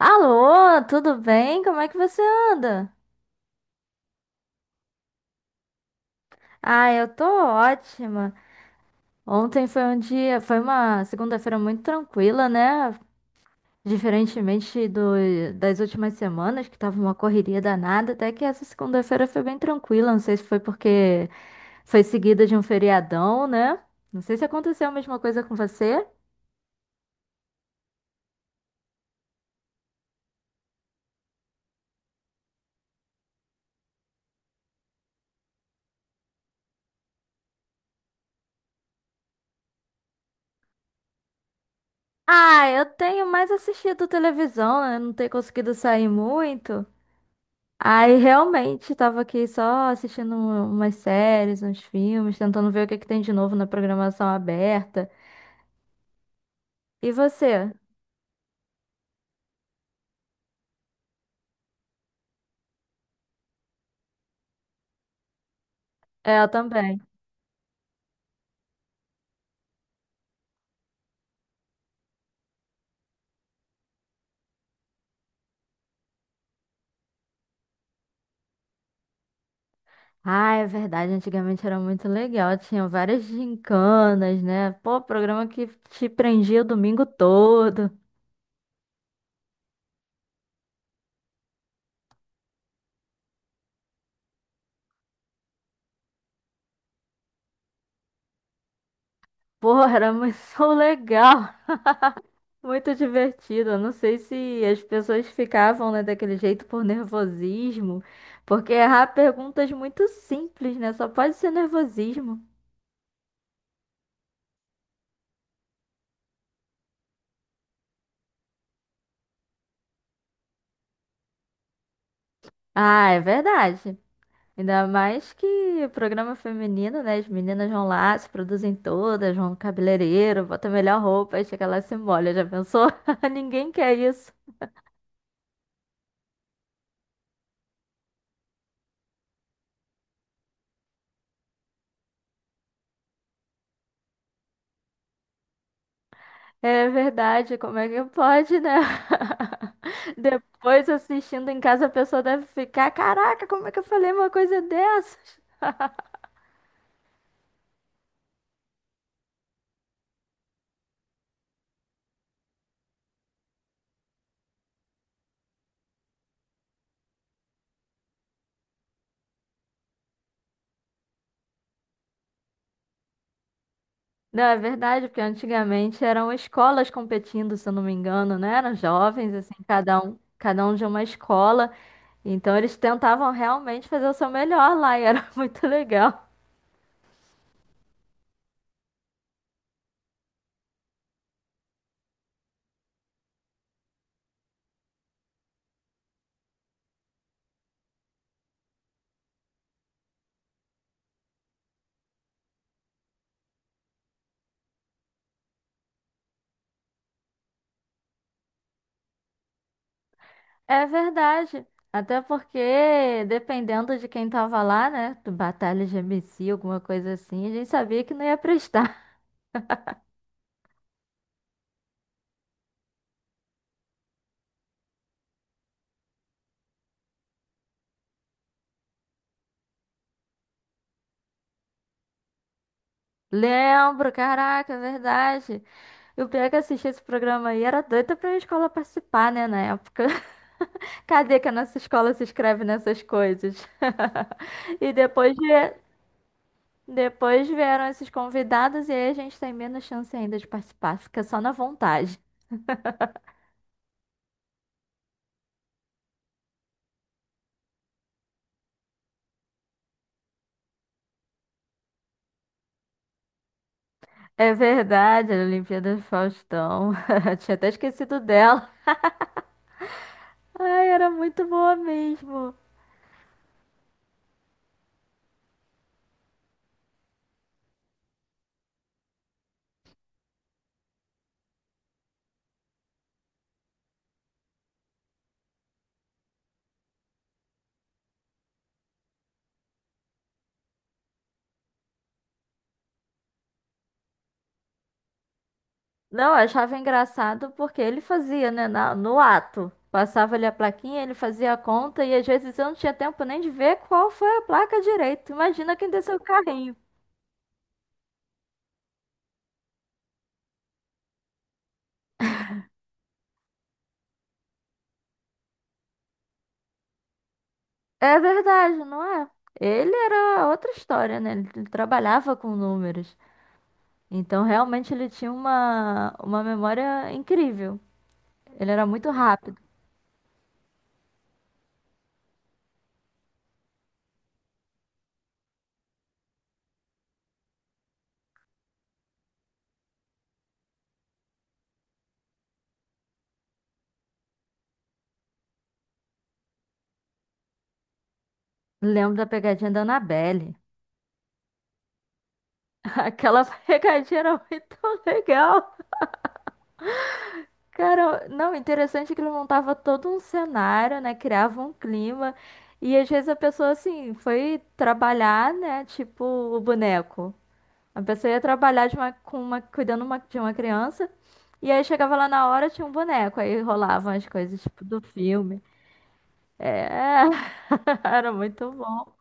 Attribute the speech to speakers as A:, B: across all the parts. A: Alô, tudo bem? Como é que você anda? Ah, eu tô ótima. Ontem foi um dia, foi uma segunda-feira muito tranquila, né? Diferentemente do, das últimas semanas, que tava uma correria danada, até que essa segunda-feira foi bem tranquila. Não sei se foi porque foi seguida de um feriadão, né? Não sei se aconteceu a mesma coisa com você. Ah, eu tenho mais assistido televisão, né? Não tenho conseguido sair muito. Aí realmente tava aqui só assistindo um, umas séries, uns filmes, tentando ver o que que tem de novo na programação aberta. E você? É, eu também. Ah, é verdade, antigamente era muito legal, tinha várias gincanas, né? Pô, programa que te prendia o domingo todo. Pô, era muito legal, muito divertido. Eu não sei se as pessoas ficavam, né, daquele jeito por nervosismo, porque errar perguntas muito simples, né? Só pode ser nervosismo. Ah, é verdade. Ainda mais que o programa é feminino, né? As meninas vão lá, se produzem todas, vão no cabeleireiro, botam a melhor roupa e chega lá e se molha. Já pensou? Ninguém quer isso. É verdade, como é que pode, né? Depois assistindo em casa, a pessoa deve ficar, caraca, como é que eu falei uma coisa dessas? Não, é verdade, porque antigamente eram escolas competindo, se eu não me engano, né? Eram jovens, assim, cada um de uma escola. Então eles tentavam realmente fazer o seu melhor lá e era muito legal. É verdade. Até porque, dependendo de quem tava lá, né? Do Batalha de MC, alguma coisa assim, a gente sabia que não ia prestar. Lembro, caraca, é verdade. E o pior é que eu esse programa aí, era doida pra minha escola participar, né, na época. Cadê que a nossa escola se inscreve nessas coisas? E depois, depois vieram esses convidados e aí a gente tem menos chance ainda de participar, fica só na vontade. É verdade, a Olimpíada do Faustão. Tinha até esquecido dela. Ai, era muito boa mesmo. Não, eu achava engraçado porque ele fazia, né, no ato. Passava ali a plaquinha, ele fazia a conta e às vezes eu não tinha tempo nem de ver qual foi a placa direito. Imagina quem desceu o carrinho. É verdade, não é? Ele era outra história, né? Ele trabalhava com números. Então, realmente, ele tinha uma memória incrível. Ele era muito rápido. Lembro da pegadinha da Annabelle. Aquela pegadinha era muito legal. Cara, não, interessante que ele montava todo um cenário, né? Criava um clima. E às vezes a pessoa, assim, foi trabalhar, né? Tipo o boneco. A pessoa ia trabalhar de uma, com uma, de uma criança e aí chegava lá na hora tinha um boneco, aí rolavam as coisas tipo do filme. É, era muito bom.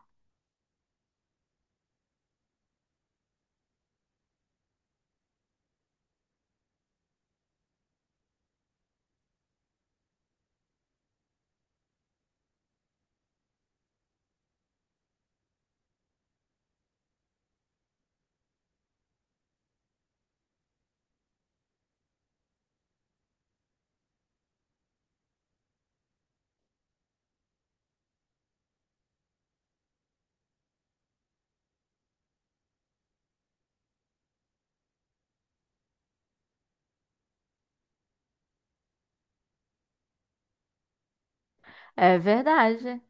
A: É verdade.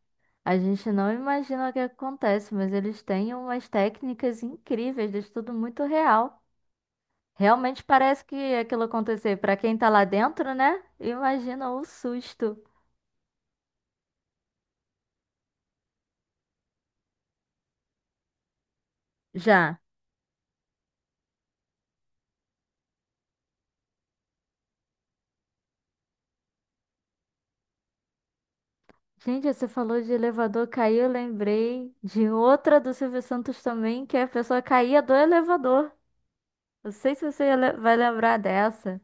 A: A gente não imagina o que acontece, mas eles têm umas técnicas incríveis, de tudo muito real. Realmente parece que aquilo aconteceu para quem tá lá dentro, né? Imagina o susto. Já. Gente, você falou de elevador cair, eu lembrei de outra do Silvio Santos também, que a pessoa caía do elevador. Não sei se você vai lembrar dessa.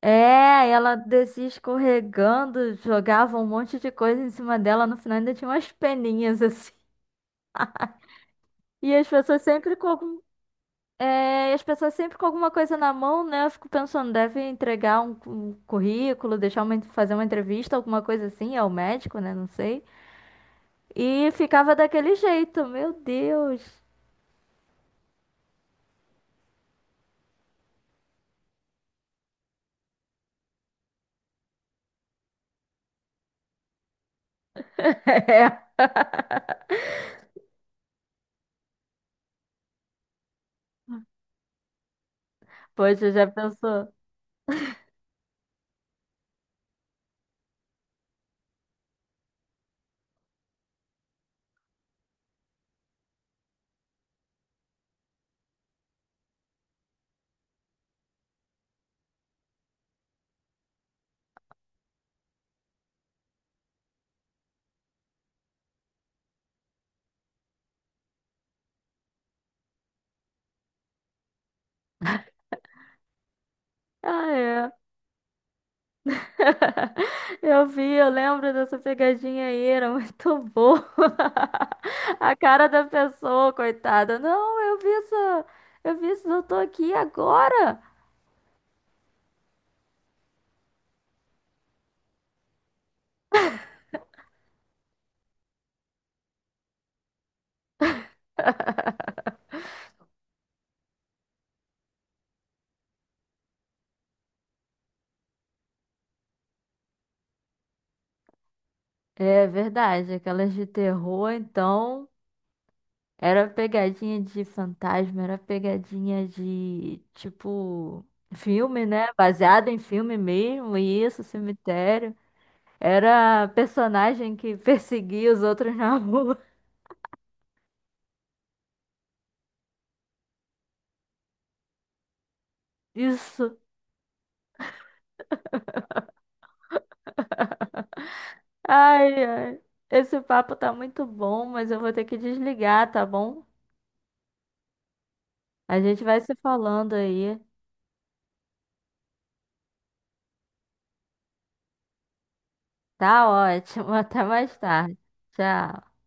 A: É, ela descia escorregando, jogava um monte de coisa em cima dela, no final ainda tinha umas peninhas assim. E as pessoas sempre com algum- é, e as pessoas sempre com alguma coisa na mão, né? Eu fico pensando, deve entregar um, um currículo, deixar uma, fazer uma entrevista, alguma coisa assim, ao médico, né? Não sei. E ficava daquele jeito, meu Deus. É. Poxa, já pensou? Ah, é. Eu vi, eu lembro dessa pegadinha aí, era muito boa. A cara da pessoa, coitada. Não, eu vi isso, eu vi isso, eu tô aqui agora. É verdade, aquelas de terror, então, era pegadinha de fantasma, era pegadinha de, tipo, filme, né? Baseado em filme mesmo, isso, cemitério. Era a personagem que perseguia os outros na rua. Isso. Ai, ai. Esse papo tá muito bom, mas eu vou ter que desligar, tá bom? A gente vai se falando aí. Tá ótimo. Até mais tarde. Tchau.